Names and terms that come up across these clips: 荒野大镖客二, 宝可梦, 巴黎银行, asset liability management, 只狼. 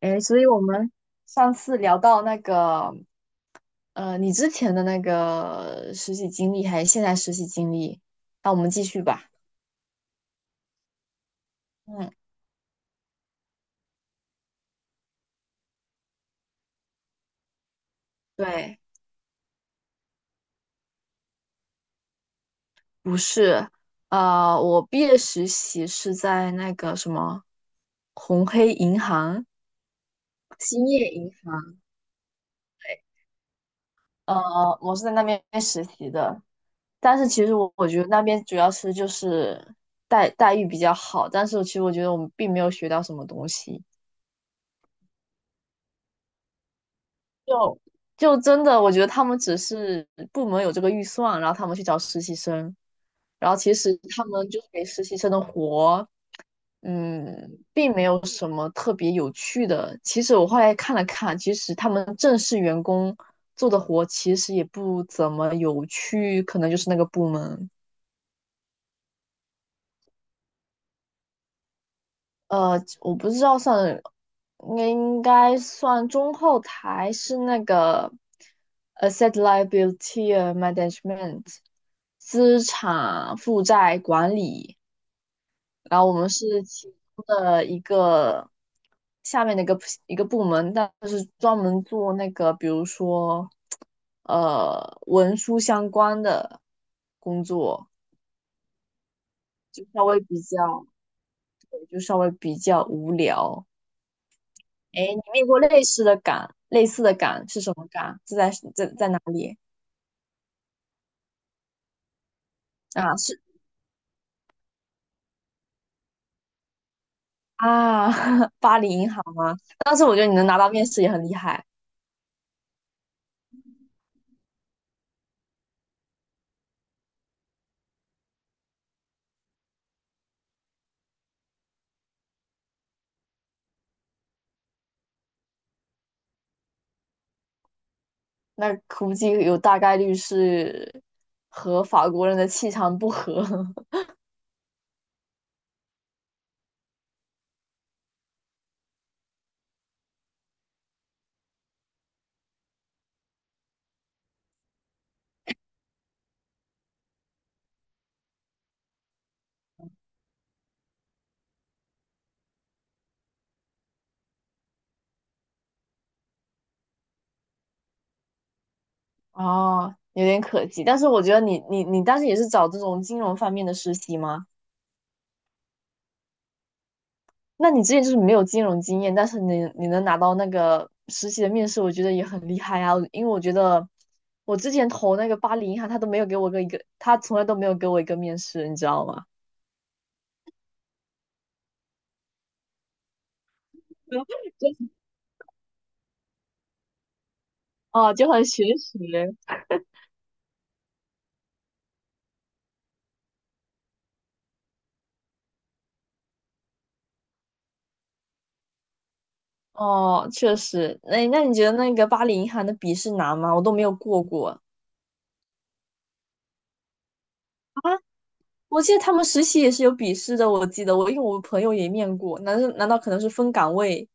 哎，所以我们上次聊到那个，你之前的那个实习经历，还是现在实习经历，那我们继续吧。嗯，对。不是，我毕业实习是在那个什么红黑银行、兴业银行，呃，我是在那边实习的。但是其实我觉得那边主要是就是待遇比较好，但是其实我觉得我们并没有学到什么东西。就真的，我觉得他们只是部门有这个预算，然后他们去找实习生，然后其实他们就是给实习生的活，嗯，并没有什么特别有趣的。其实我后来看了看，其实他们正式员工做的活其实也不怎么有趣，可能就是那个部门。呃，我不知道算，应该算中后台，是那个 asset liability management 资产负债管理，然后我们是其中的一个下面的一个部门，但是专门做那个，比如说呃文书相关的工作，就稍微比较，对就稍微比较无聊。哎，你面过类似的岗，类似的岗是什么岗？是在哪里啊？是啊，巴黎银行吗？当时我觉得你能拿到面试也很厉害。那估计有大概率是和法国人的气场不合。哦，有点可惜。但是我觉得你当时也是找这种金融方面的实习吗？那你之前就是没有金融经验，但是你能拿到那个实习的面试，我觉得也很厉害啊。因为我觉得我之前投那个巴黎银行，他都没有给我个一个，他从来都没有给我一个面试，你知道吗？就哦，就很学习。哦，确实。那那你觉得那个巴黎银行的笔试难吗？我都没有过过啊。我记得他们实习也是有笔试的，我记得我因为我朋友也面过，难道可能是分岗位？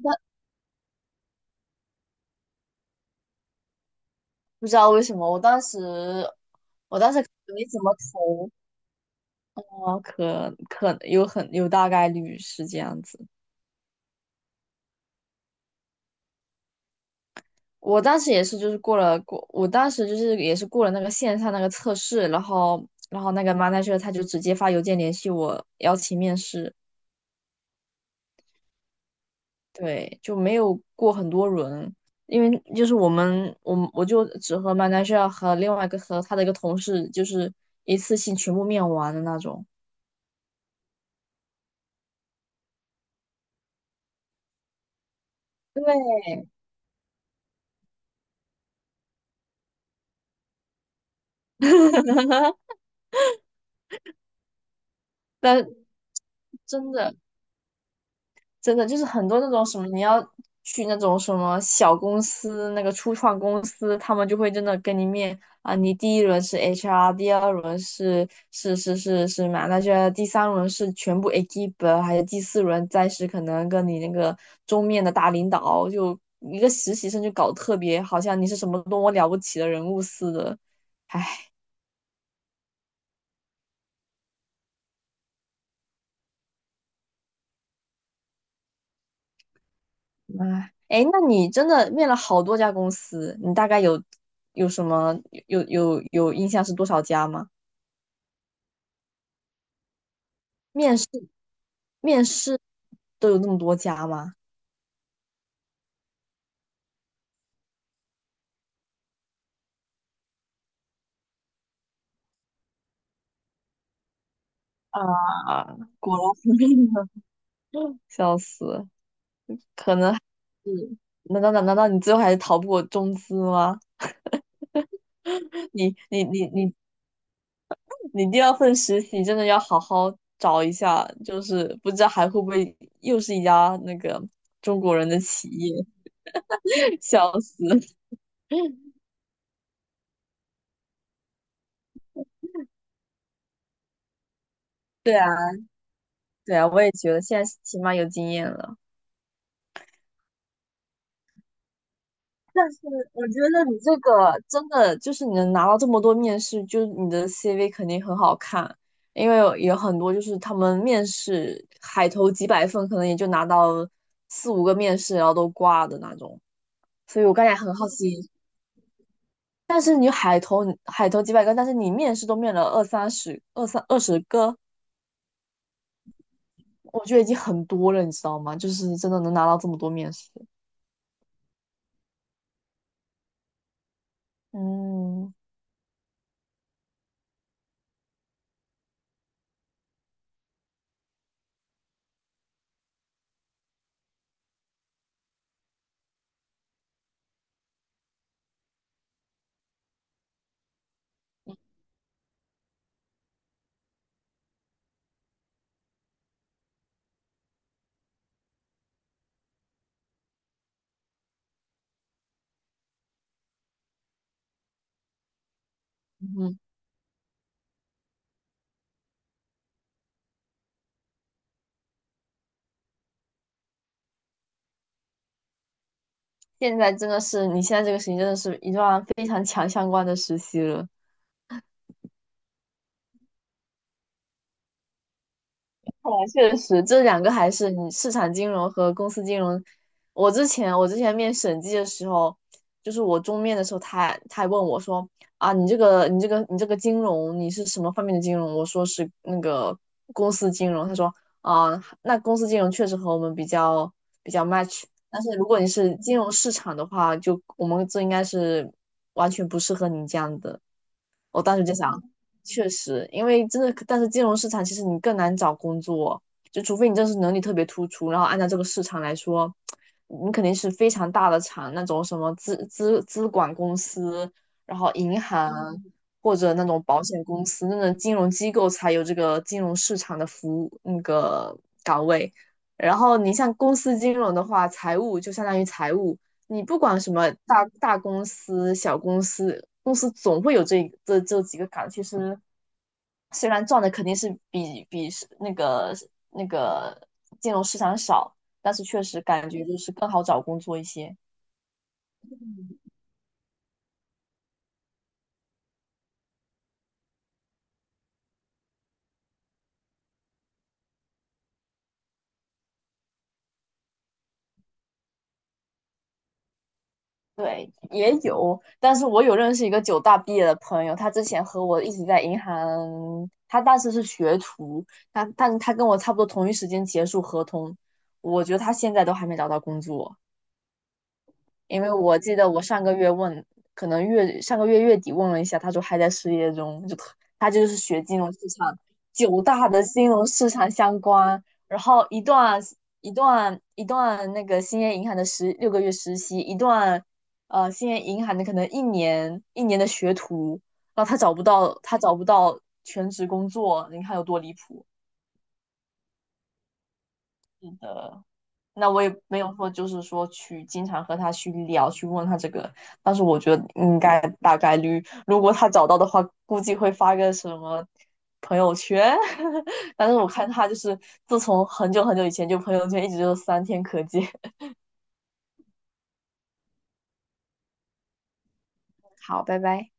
那不知道为什么，我当时没怎么投，哦，可可有很有大概率是这样子。我当时也是，就是过了，我当时就是也是过了那个线上那个测试，然后那个 manager 他就直接发邮件联系我邀请面试。对，就没有过很多轮，因为就是我就只和 manager 和另外一个和他的一个同事就是一次性全部面完的那种。对，但真的，真的就是很多那种什么，你要去那种什么小公司，那个初创公司，他们就会真的跟你面啊。你第一轮是 HR，第二轮是嘛，那就 a 第三轮是全部 EQUIP 还有第四轮再是可能跟你那个中面的大领导，就一个实习生就搞得特别好像你是什么多么了不起的人物似的，还哎。哎，那你真的面了好多家公司，你大概有有什么有有有印象是多少家吗？面试面试都有那么多家吗？啊，果然 是面试。笑死，可能还 是难道你最后还是逃不过中资吗？你你第二份实习真的要好好找一下，就是不知道还会不会又是一家那个中国人的企业。笑死。对啊，对啊，我也觉得现在起码有经验了。我觉得你这个真的就是你能拿到这么多面试，就是你的 CV 肯定很好看，因为有很多就是他们面试海投几百份，可能也就拿到四五个面试，然后都挂的那种。所以我刚才很好奇，海投几百个，但是你面试都面了二三十、二三二十个，我觉得已经很多了，你知道吗？就是真的能拿到这么多面试。嗯嗯，现在真的是，你现在这个事情真的是一段非常强相关的实习了。看来确实，这两个还是你市场金融和公司金融。我之前面审计的时候，就是我中面的时候他还，他还问我说啊，你这个金融你是什么方面的金融？我说是那个公司金融。他说啊，那公司金融确实和我们比较 match，但是如果你是金融市场的话，就我们这应该是完全不适合你这样的。我当时就想，确实，因为真的，但是金融市场其实你更难找工作，就除非你真是能力特别突出，然后按照这个市场来说，你肯定是非常大的厂，那种什么资管公司，然后银行嗯或者那种保险公司，那种金融机构才有这个金融市场的服务那个岗位。然后你像公司金融的话，财务就相当于财务，你不管什么大公司、小公司，公司总会有这几个岗。其实虽然赚的肯定是是那个金融市场少，但是确实感觉就是更好找工作一些。对，也有，但是我有认识一个九大毕业的朋友，他之前和我一起在银行，他当时是学徒，他跟我差不多同一时间结束合同，我觉得他现在都还没找到工作。因为我记得我上个月问，可能月上个月月底问了一下，他说还在失业中，就特他就是学金融市场，九大的金融市场相关，然后一段那个兴业银行的16个月实习，一段呃兴业银行的可能一年的学徒，然后他找不到全职工作，你看有多离谱。是的，那我也没有说，就是说去经常和他去聊，去问他这个。但是我觉得应该大概率，如果他找到的话，估计会发个什么朋友圈 但是我看他就是自从很久很久以前，就朋友圈一直就是三天可见。好，拜拜。